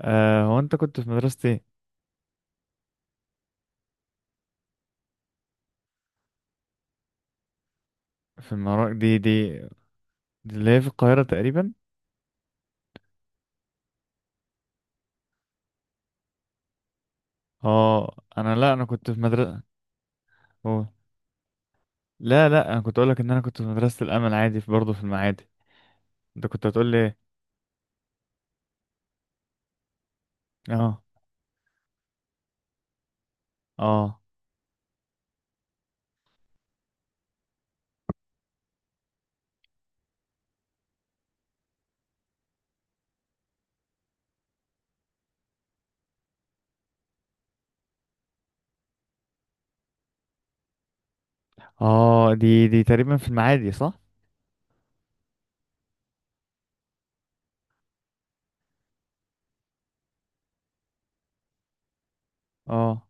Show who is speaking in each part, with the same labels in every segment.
Speaker 1: هو انت كنت في مدرسة ايه؟ في المراكش دي. دي اللي هي في القاهرة تقريبا. اه، انا، لا، انا كنت في مدرسة. هو. لا، لا، انا كنت اقولك ان انا كنت في مدرسة الامل عادي، في برضه في المعادي. انت كنت هتقول لي ايه؟ اه، اه، اه، دي تقريبا في المعادي، صح؟ اه،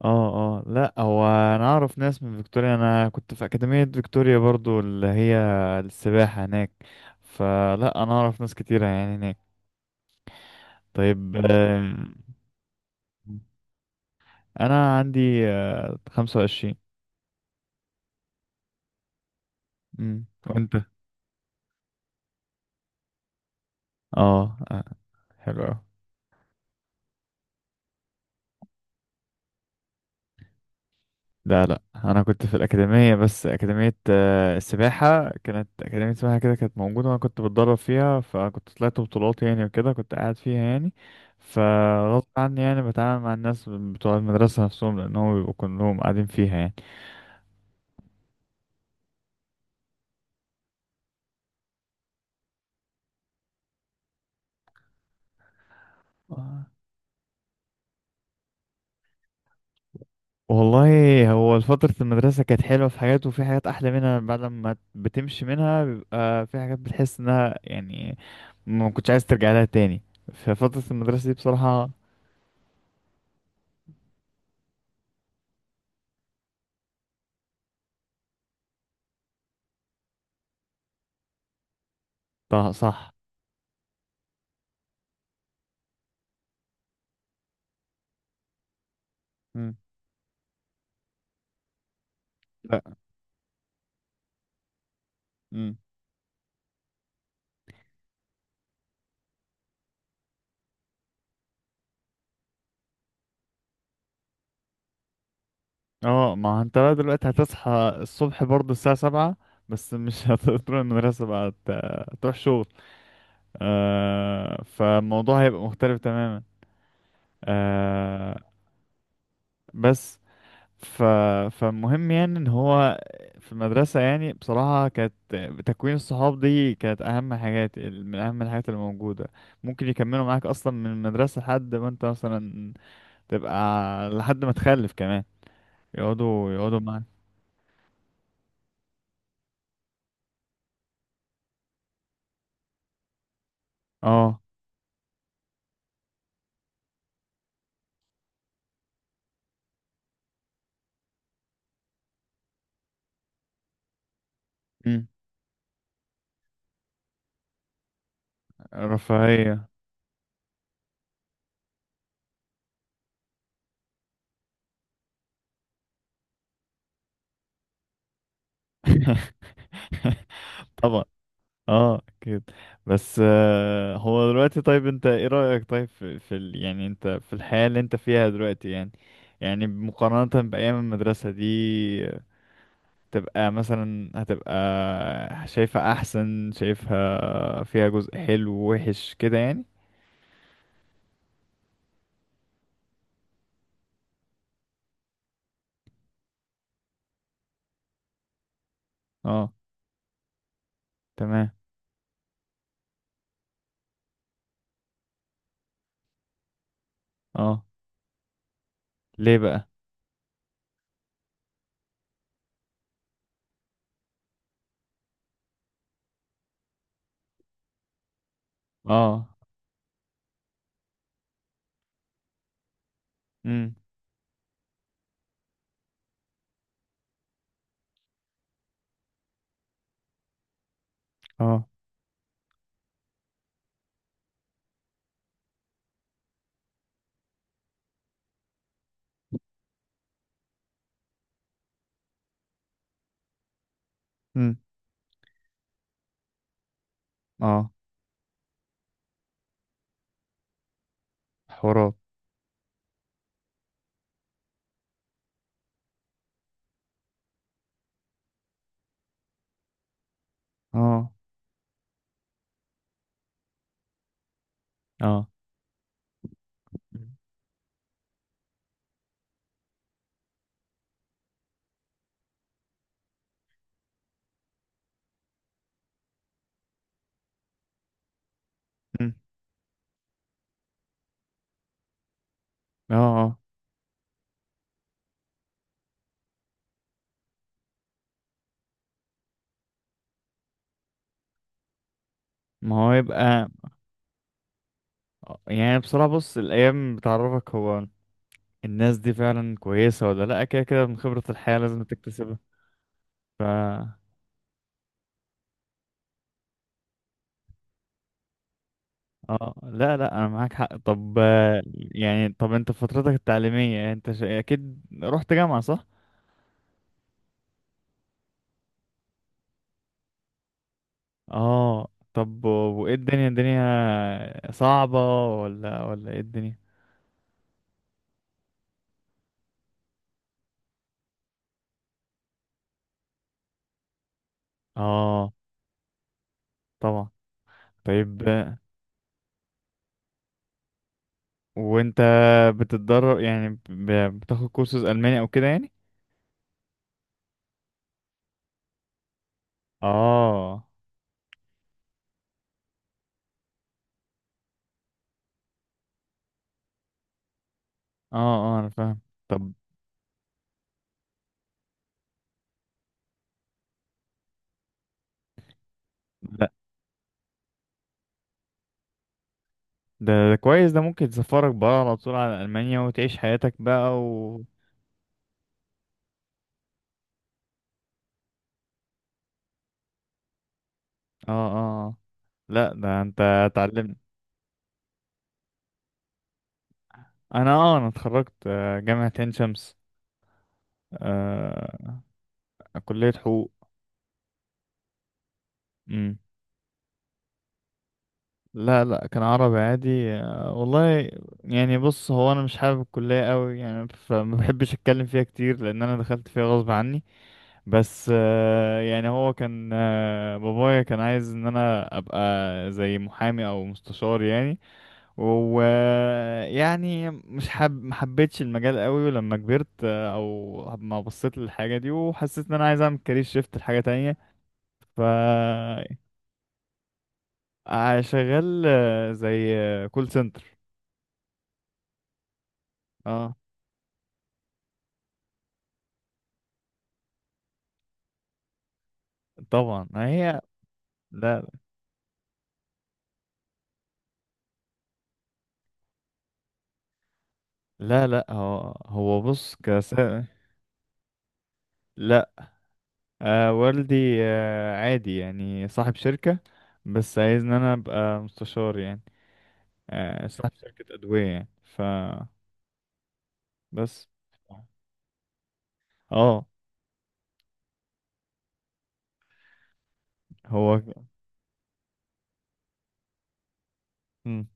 Speaker 1: اه. اه، لا، هو انا اعرف ناس من فيكتوريا. انا كنت في اكاديمية فيكتوريا برضه، اللي هي السباحة هناك. فلا، انا اعرف ناس كتيرة يعني هناك. طيب. انا عندي 25. وانت؟ اه. حلو اوي. لا، لا، انا كنت في الاكاديمية، بس اكاديمية السباحة كانت، اكاديمية السباحة كده كانت موجودة، وانا كنت بتدرب فيها، فكنت طلعت بطولات يعني وكده كنت قاعد فيها يعني. فغصب عني، يعني بتعامل مع الناس بتوع المدرسة نفسهم لأنهم بيبقوا كلهم قاعدين فيها. يعني والله، هو فترة المدرسة كانت حلوة في حاجات، وفي حاجات أحلى منها بعد ما بتمشي منها، بيبقى في حاجات بتحس إنها يعني ما كنتش عايز ترجع لها تاني. ففترة المدرسة دي بصراحة. صح. مم. لا. مم. اه، ما هو انت بقى دلوقتي هتصحى الصبح برضه الساعة 7، بس مش هتروح المدرسة، بقى تروح شغل. فالموضوع هيبقى مختلف تماما. آه. بس ف... فالمهم يعني ان هو في المدرسة، يعني بصراحة كانت، تكوين الصحاب دي كانت اهم حاجات من اهم الحاجات اللي موجودة. ممكن يكملوا معاك اصلا من المدرسة لحد ما انت مثلا تبقى، لحد ما تخلف كمان، يقعدوا معاك. اه. مم. رفاهية. طبعا. اه، اكيد. بس هو دلوقتي، طيب انت ايه رأيك؟ طيب في يعني انت في الحياة اللي انت فيها دلوقتي، يعني يعني مقارنة بأيام المدرسة دي، تبقى مثلا هتبقى شايفها أحسن؟ شايفها فيها جزء حلو ووحش كده يعني؟ اه، تمام. اه، ليه بقى؟ اه. امم اه. امم اه، حوارات. اه، اه. مم. اه، اه. ما هو يبقى. يعني بصراحة، بص، الأيام بتعرفك هو الناس دي فعلا كويسة ولا لأ. كده كده من خبرة الحياة لازم تكتسبها. ف اه، لا، لا، أنا معاك حق. طب، يعني طب أنت في فترتك التعليمية أنت أكيد رحت جامعة، صح؟ اه. طب، وإيه الدنيا صعبة ولا إيه الدنيا؟ اه، طبعا. طيب. وأنت بتتدرب، يعني بتاخد كورسز ألماني أو كده يعني؟ اه اه، اه، أنا فاهم. طب، لا ده كويس، ده ممكن تسفرك بقى على طول على ألمانيا وتعيش حياتك بقى و اه، اه، آه. لا، ده انت اتعلمت. انا اتخرجت جامعة عين شمس. آه. كلية حقوق. مم. لا، لا، كان عربي عادي. آه والله. يعني بص، هو انا مش حابب الكلية قوي يعني، فما بحبش اتكلم فيها كتير لان انا دخلت فيها غصب عني. بس يعني هو كان بابايا كان عايز ان انا ابقى زي محامي او مستشار يعني. ويعني مش حب ما حبيتش المجال قوي، ولما كبرت او ما بصيت للحاجه دي وحسيت ان انا عايز اعمل كارير شيفت لحاجه تانية. ف شغال زي كول سنتر. اه، طبعا ما هي. لا، لا، لا، هو بص كس. لا. آه، والدي. آه، عادي، يعني صاحب شركة، بس عايز ان انا ابقى مستشار يعني. آه، صاحب شركة ادوية يعني بس. اه، هو. مم.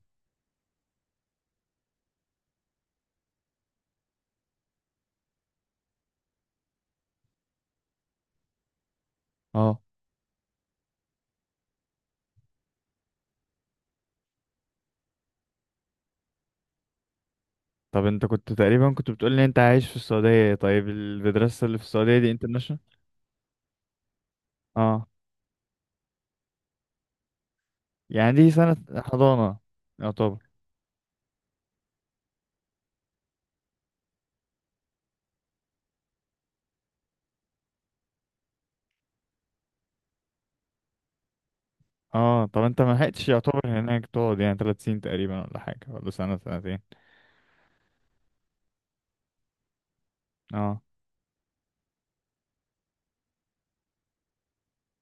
Speaker 1: اه، طب انت كنت تقريبا كنت بتقول لي انت عايش في السعودية، طيب المدرسة اللي في السعودية دي انترناشونال؟ اه. يعني دي سنة حضانة يعتبر. اه، طب انت ما لحقتش يعتبر هناك تقعد يعني 3 سنين تقريبا ولا حاجة، ولا سنة سنتين. اه.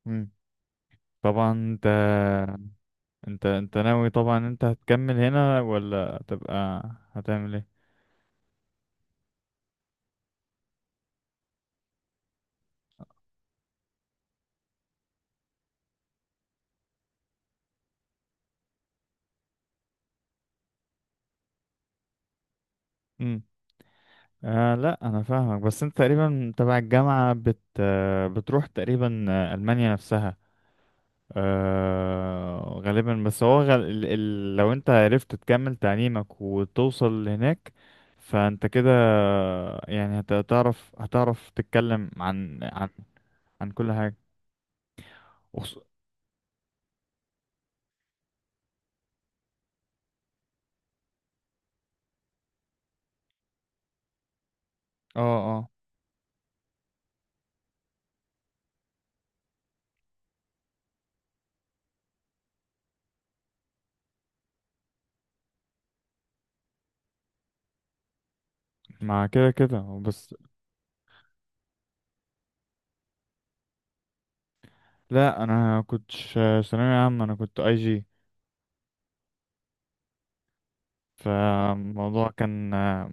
Speaker 1: مم. طبعا. انت، انت ناوي، طبعا انت هتكمل هنا ولا هتبقى، هتعمل ايه؟ امم آه، لا انا فاهمك، بس انت تقريبا تبع الجامعة بت آه، بتروح تقريبا المانيا نفسها. آه غالبا. بس هو لو انت عرفت تكمل تعليمك وتوصل هناك، فانت كده يعني هتعرف تتكلم عن عن كل حاجة. وخص- اه، اه، مع كده كده بس. لا، انا كنتش ثانوية عامة، انا كنت IG. فالموضوع كان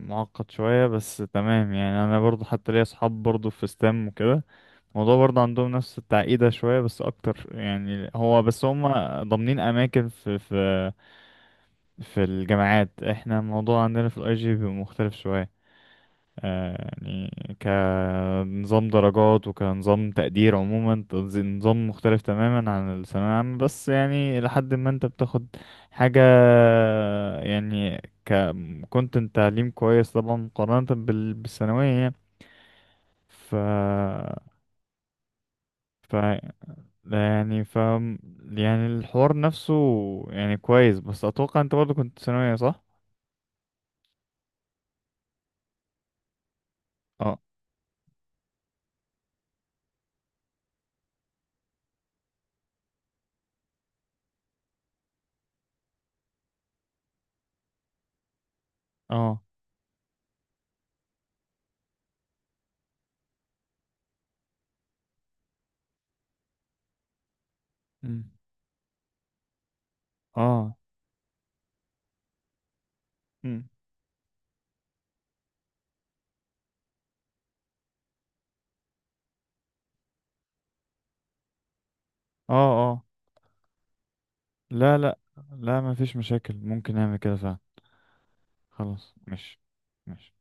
Speaker 1: معقد شوية، بس تمام. يعني انا برضو حتى ليا اصحاب برضو في ستام وكده، الموضوع برضو عندهم نفس التعقيدة شوية بس اكتر، يعني هو بس هم ضامنين اماكن في في الجامعات. احنا الموضوع عندنا في الاي جي بيبقى مختلف شوية، آه، يعني كنظام درجات وكنظام تقدير عموما، نظام مختلف تماما عن الثانوية العامة، بس يعني لحد ما انت بتاخد حاجة، يعني كنت انت تعليم كويس طبعا مقارنة بالثانوية يعني. ف ف يعني يعني الحوار نفسه يعني كويس، بس اتوقع انت برضه كنت ثانوية، صح؟ اه، اه. مم. اه. مم. اه، لا، لا. لا، ما فيش مشاكل، ممكن نعمل كده فعلا. خلاص، مش مش